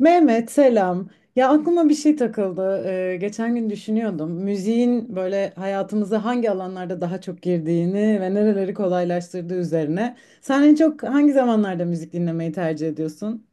Mehmet selam. Ya aklıma bir şey takıldı. Geçen gün düşünüyordum. Müziğin böyle hayatımıza hangi alanlarda daha çok girdiğini ve nereleri kolaylaştırdığı üzerine. Sen en çok hangi zamanlarda müzik dinlemeyi tercih ediyorsun?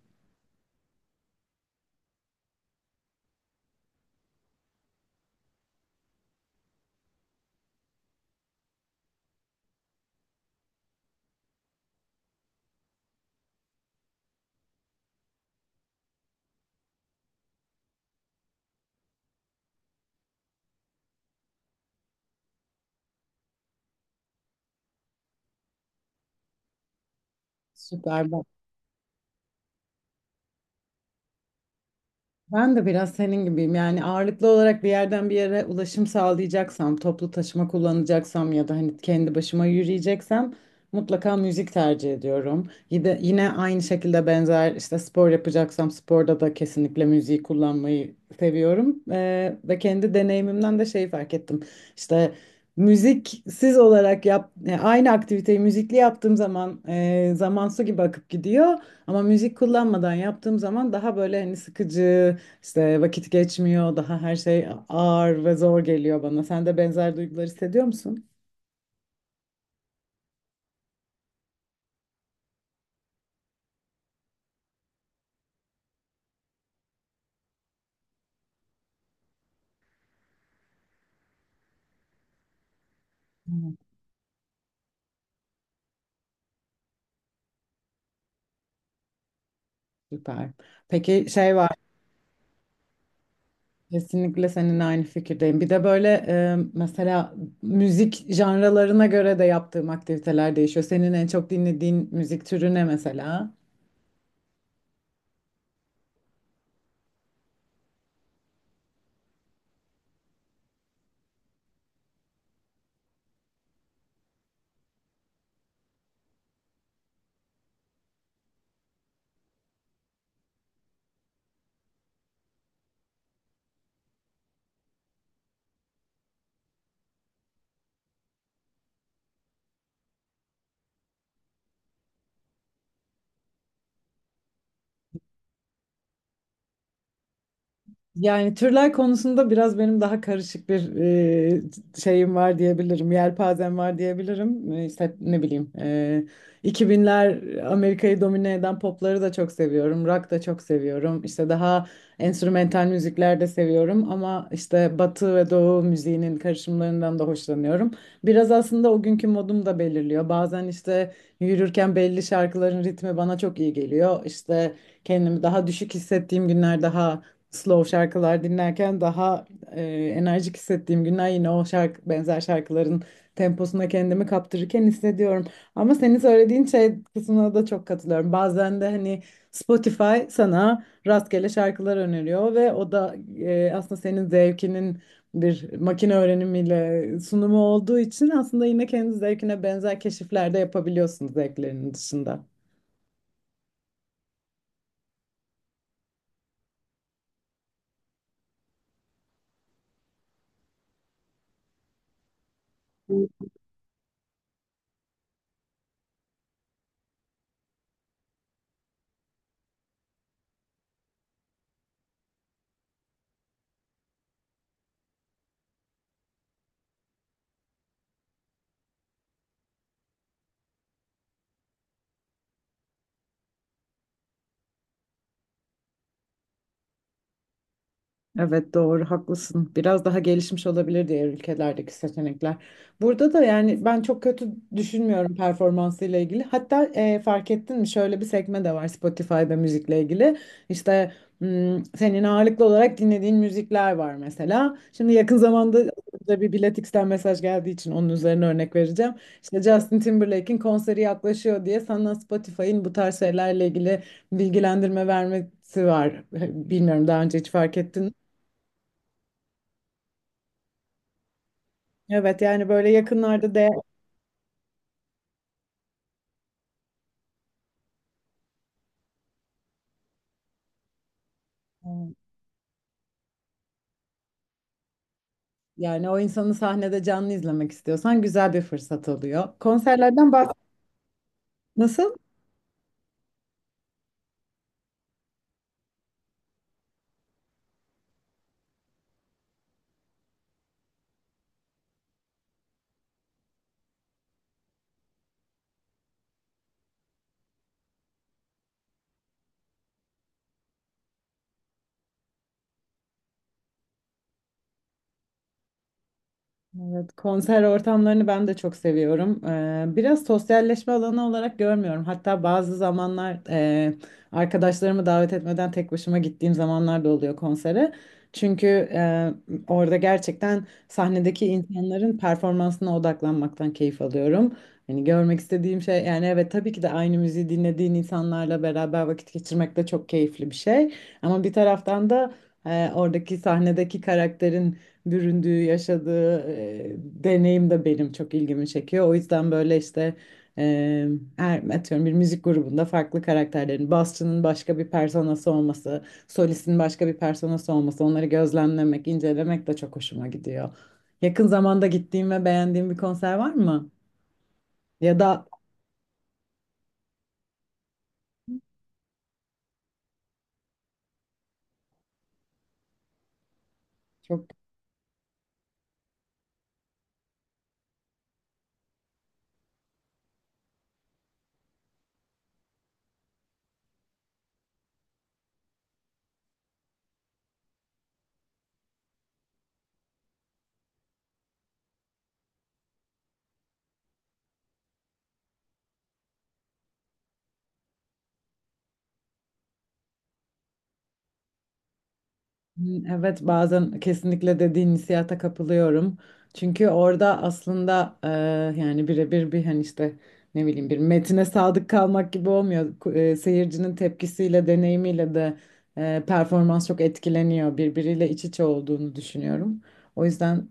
Süper. Ben de biraz senin gibiyim. Yani ağırlıklı olarak bir yerden bir yere ulaşım sağlayacaksam, toplu taşıma kullanacaksam ya da hani kendi başıma yürüyeceksem mutlaka müzik tercih ediyorum. Yine aynı şekilde benzer işte spor yapacaksam sporda da kesinlikle müziği kullanmayı seviyorum. Ve kendi deneyimimden de şeyi fark ettim. İşte yani aynı aktiviteyi müzikli yaptığım zaman zaman su gibi akıp gidiyor. Ama müzik kullanmadan yaptığım zaman daha böyle hani sıkıcı, işte vakit geçmiyor, daha her şey ağır ve zor geliyor bana. Sen de benzer duygular hissediyor musun? Hı. Süper. Peki şey var, kesinlikle seninle aynı fikirdeyim. Bir de böyle mesela müzik janralarına göre de yaptığım aktiviteler değişiyor. Senin en çok dinlediğin müzik türü ne mesela? Yani türler konusunda biraz benim daha karışık bir şeyim var diyebilirim. Yelpazem var diyebilirim. İşte ne bileyim. 2000'ler Amerika'yı domine eden popları da çok seviyorum. Rock da çok seviyorum. İşte daha enstrümental müzikler de seviyorum. Ama işte Batı ve Doğu müziğinin karışımlarından da hoşlanıyorum. Biraz aslında o günkü modum da belirliyor. Bazen işte yürürken belli şarkıların ritmi bana çok iyi geliyor. İşte kendimi daha düşük hissettiğim günler daha slow şarkılar dinlerken daha e, enerjik hissettiğim günler yine o benzer şarkıların temposuna kendimi kaptırırken hissediyorum. Ama senin söylediğin şey kısmına da çok katılıyorum. Bazen de hani Spotify sana rastgele şarkılar öneriyor ve o da aslında senin zevkinin bir makine öğrenimiyle sunumu olduğu için aslında yine kendi zevkine benzer keşifler de yapabiliyorsun zevklerinin dışında. Evet doğru haklısın. Biraz daha gelişmiş olabilir diğer ülkelerdeki seçenekler. Burada da yani ben çok kötü düşünmüyorum performansıyla ilgili. Hatta fark ettin mi şöyle bir sekme de var Spotify'da müzikle ilgili. İşte senin ağırlıklı olarak dinlediğin müzikler var mesela. Şimdi yakın zamanda da bir Biletix'ten mesaj geldiği için onun üzerine örnek vereceğim. İşte Justin Timberlake'in konseri yaklaşıyor diye sana Spotify'ın bu tarz şeylerle ilgili bilgilendirme vermesi var. Bilmiyorum daha önce hiç fark ettin mi? Evet yani böyle yakınlarda da yani o insanı sahnede canlı izlemek istiyorsan güzel bir fırsat oluyor. Konserlerden bahs Nasıl? Evet, konser ortamlarını ben de çok seviyorum. Biraz sosyalleşme alanı olarak görmüyorum. Hatta bazı zamanlar arkadaşlarımı davet etmeden tek başıma gittiğim zamanlar da oluyor konsere. Çünkü e, orada gerçekten sahnedeki insanların performansına odaklanmaktan keyif alıyorum. Hani görmek istediğim şey yani evet tabii ki de aynı müziği dinlediğin insanlarla beraber vakit geçirmek de çok keyifli bir şey. Ama bir taraftan da oradaki sahnedeki karakterin büründüğü, yaşadığı deneyim de benim çok ilgimi çekiyor. O yüzden böyle işte e, her, atıyorum bir müzik grubunda farklı karakterlerin, basçının başka bir personası olması, solistin başka bir personası olması, onları gözlemlemek, incelemek de çok hoşuma gidiyor. Yakın zamanda gittiğim ve beğendiğim bir konser var mı? Ya da çok evet bazen kesinlikle dediğin hissiyata kapılıyorum. Çünkü orada aslında yani birebir bir hani işte ne bileyim bir metine sadık kalmak gibi olmuyor. Seyircinin tepkisiyle, deneyimiyle de performans çok etkileniyor. Birbiriyle iç içe olduğunu düşünüyorum. O yüzden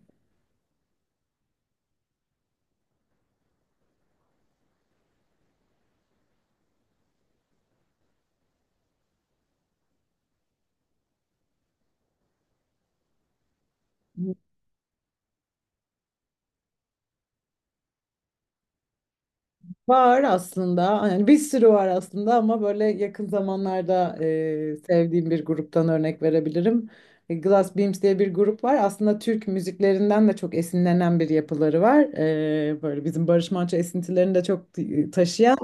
Var aslında. Yani bir sürü var aslında ama böyle yakın zamanlarda sevdiğim bir gruptan örnek verebilirim. Glass Beams diye bir grup var. Aslında Türk müziklerinden de çok esinlenen bir yapıları var. Böyle bizim Barış Manço esintilerini de çok taşıyan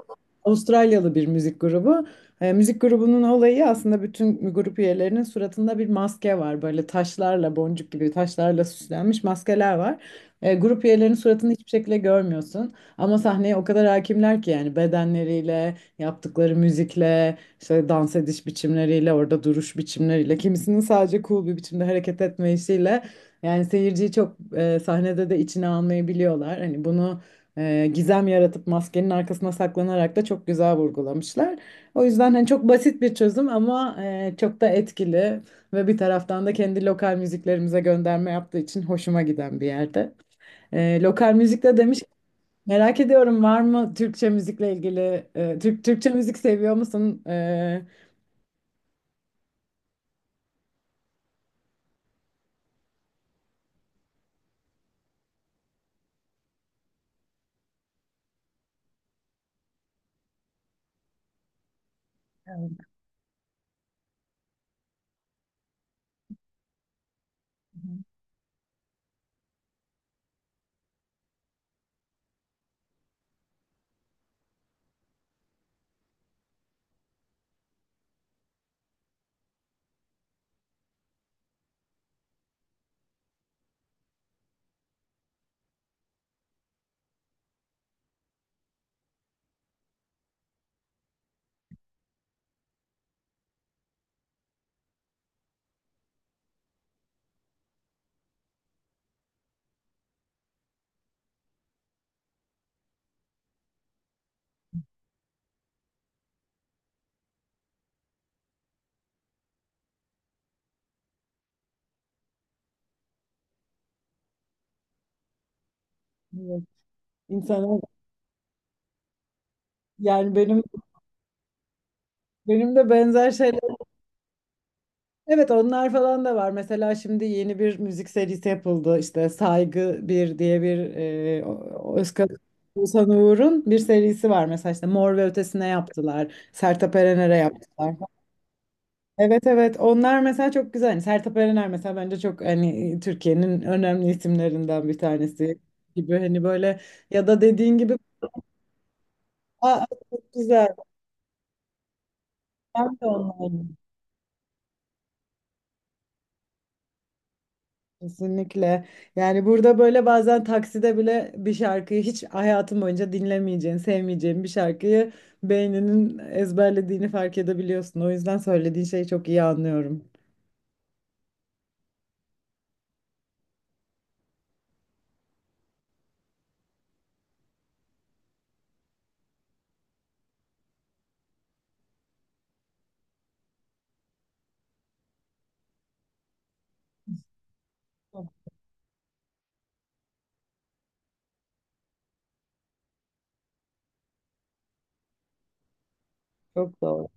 Avustralyalı bir müzik grubu. Müzik grubunun olayı aslında bütün grup üyelerinin suratında bir maske var. Böyle taşlarla, boncuk gibi taşlarla süslenmiş maskeler var. Grup üyelerinin suratını hiçbir şekilde görmüyorsun. Ama sahneye o kadar hakimler ki yani bedenleriyle, yaptıkları müzikle, işte dans ediş biçimleriyle, orada duruş biçimleriyle, kimisinin sadece cool bir biçimde hareket etmesiyle yani seyirciyi çok sahnede de içine almayı biliyorlar. Hani bunu gizem yaratıp maskenin arkasına saklanarak da çok güzel vurgulamışlar. O yüzden hani çok basit bir çözüm ama çok da etkili ve bir taraftan da kendi lokal müziklerimize gönderme yaptığı için hoşuma giden bir yerde. Lokal müzikte demiş. Merak ediyorum var mı Türkçe müzikle ilgili Türkçe müzik seviyor musun? Evet. Evet, insana yani benim de benzer şeyler. Evet onlar falan da var. Mesela şimdi yeni bir müzik serisi yapıldı. İşte Saygı bir diye bir Oğuzhan Uğur'un bir serisi var. Mesela işte Mor ve Ötesi'ne yaptılar. Sertab Erener'e yaptılar. Evet evet onlar mesela çok güzel. Hani Sertab Erener mesela bence çok hani Türkiye'nin önemli isimlerinden bir tanesi gibi hani böyle ya da dediğin gibi. Aa, çok güzel. Ben de onlarla kesinlikle. Yani burada böyle bazen takside bile bir şarkıyı hiç hayatım boyunca dinlemeyeceğin, sevmeyeceğin bir şarkıyı beyninin ezberlediğini fark edebiliyorsun. O yüzden söylediğin şeyi çok iyi anlıyorum. Çok çok doğru.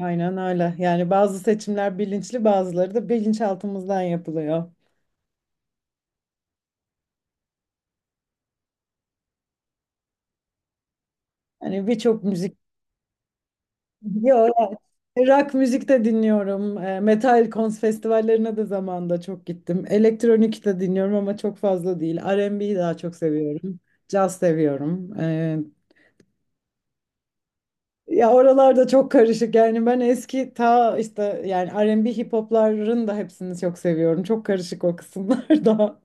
Aynen öyle. Yani bazı seçimler bilinçli, bazıları da bilinçaltımızdan yapılıyor. Hani birçok müzik Yo, yani rock müzik de dinliyorum. Metal kons festivallerine de zamanında çok gittim. Elektronik de dinliyorum ama çok fazla değil. R&B'yi daha çok seviyorum. Caz seviyorum. Ya oralarda çok karışık. Yani ben eski ta işte yani R&B hip hopların da hepsini çok seviyorum. Çok karışık o kısımlar daha.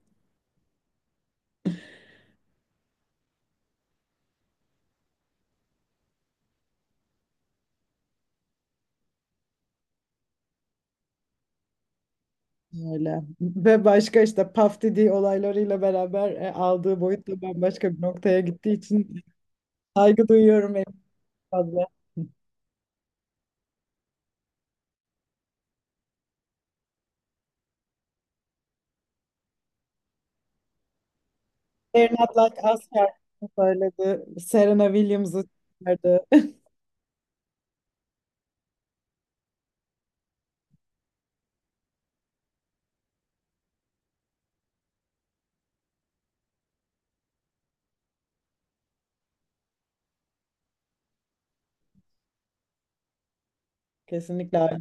Öyle. Ve başka işte Puff Daddy olaylarıyla beraber aldığı boyut da bambaşka bir noktaya gittiği için saygı duyuyorum en fazla. Bernard Lac söyledi. Serena Williams'ı çıkardı. Kesinlikle öyle.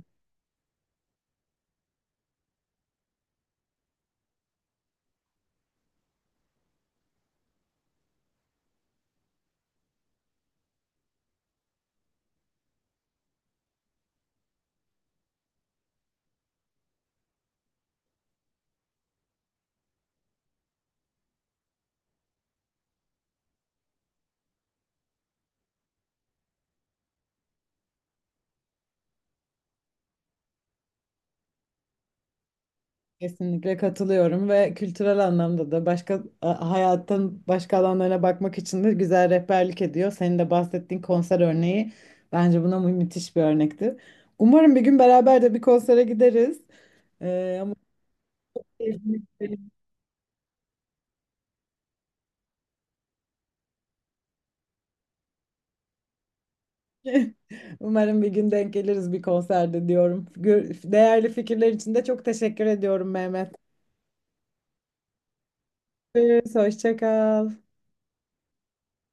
Kesinlikle katılıyorum ve kültürel anlamda da başka hayatın başka alanlarına bakmak için de güzel rehberlik ediyor. Senin de bahsettiğin konser örneği bence buna müthiş bir örnekti. Umarım bir gün beraber de bir konsere gideriz. Ama umarım bir gün denk geliriz bir konserde diyorum. Değerli fikirler için de çok teşekkür ediyorum Mehmet. Görüşürüz, hoşça kal.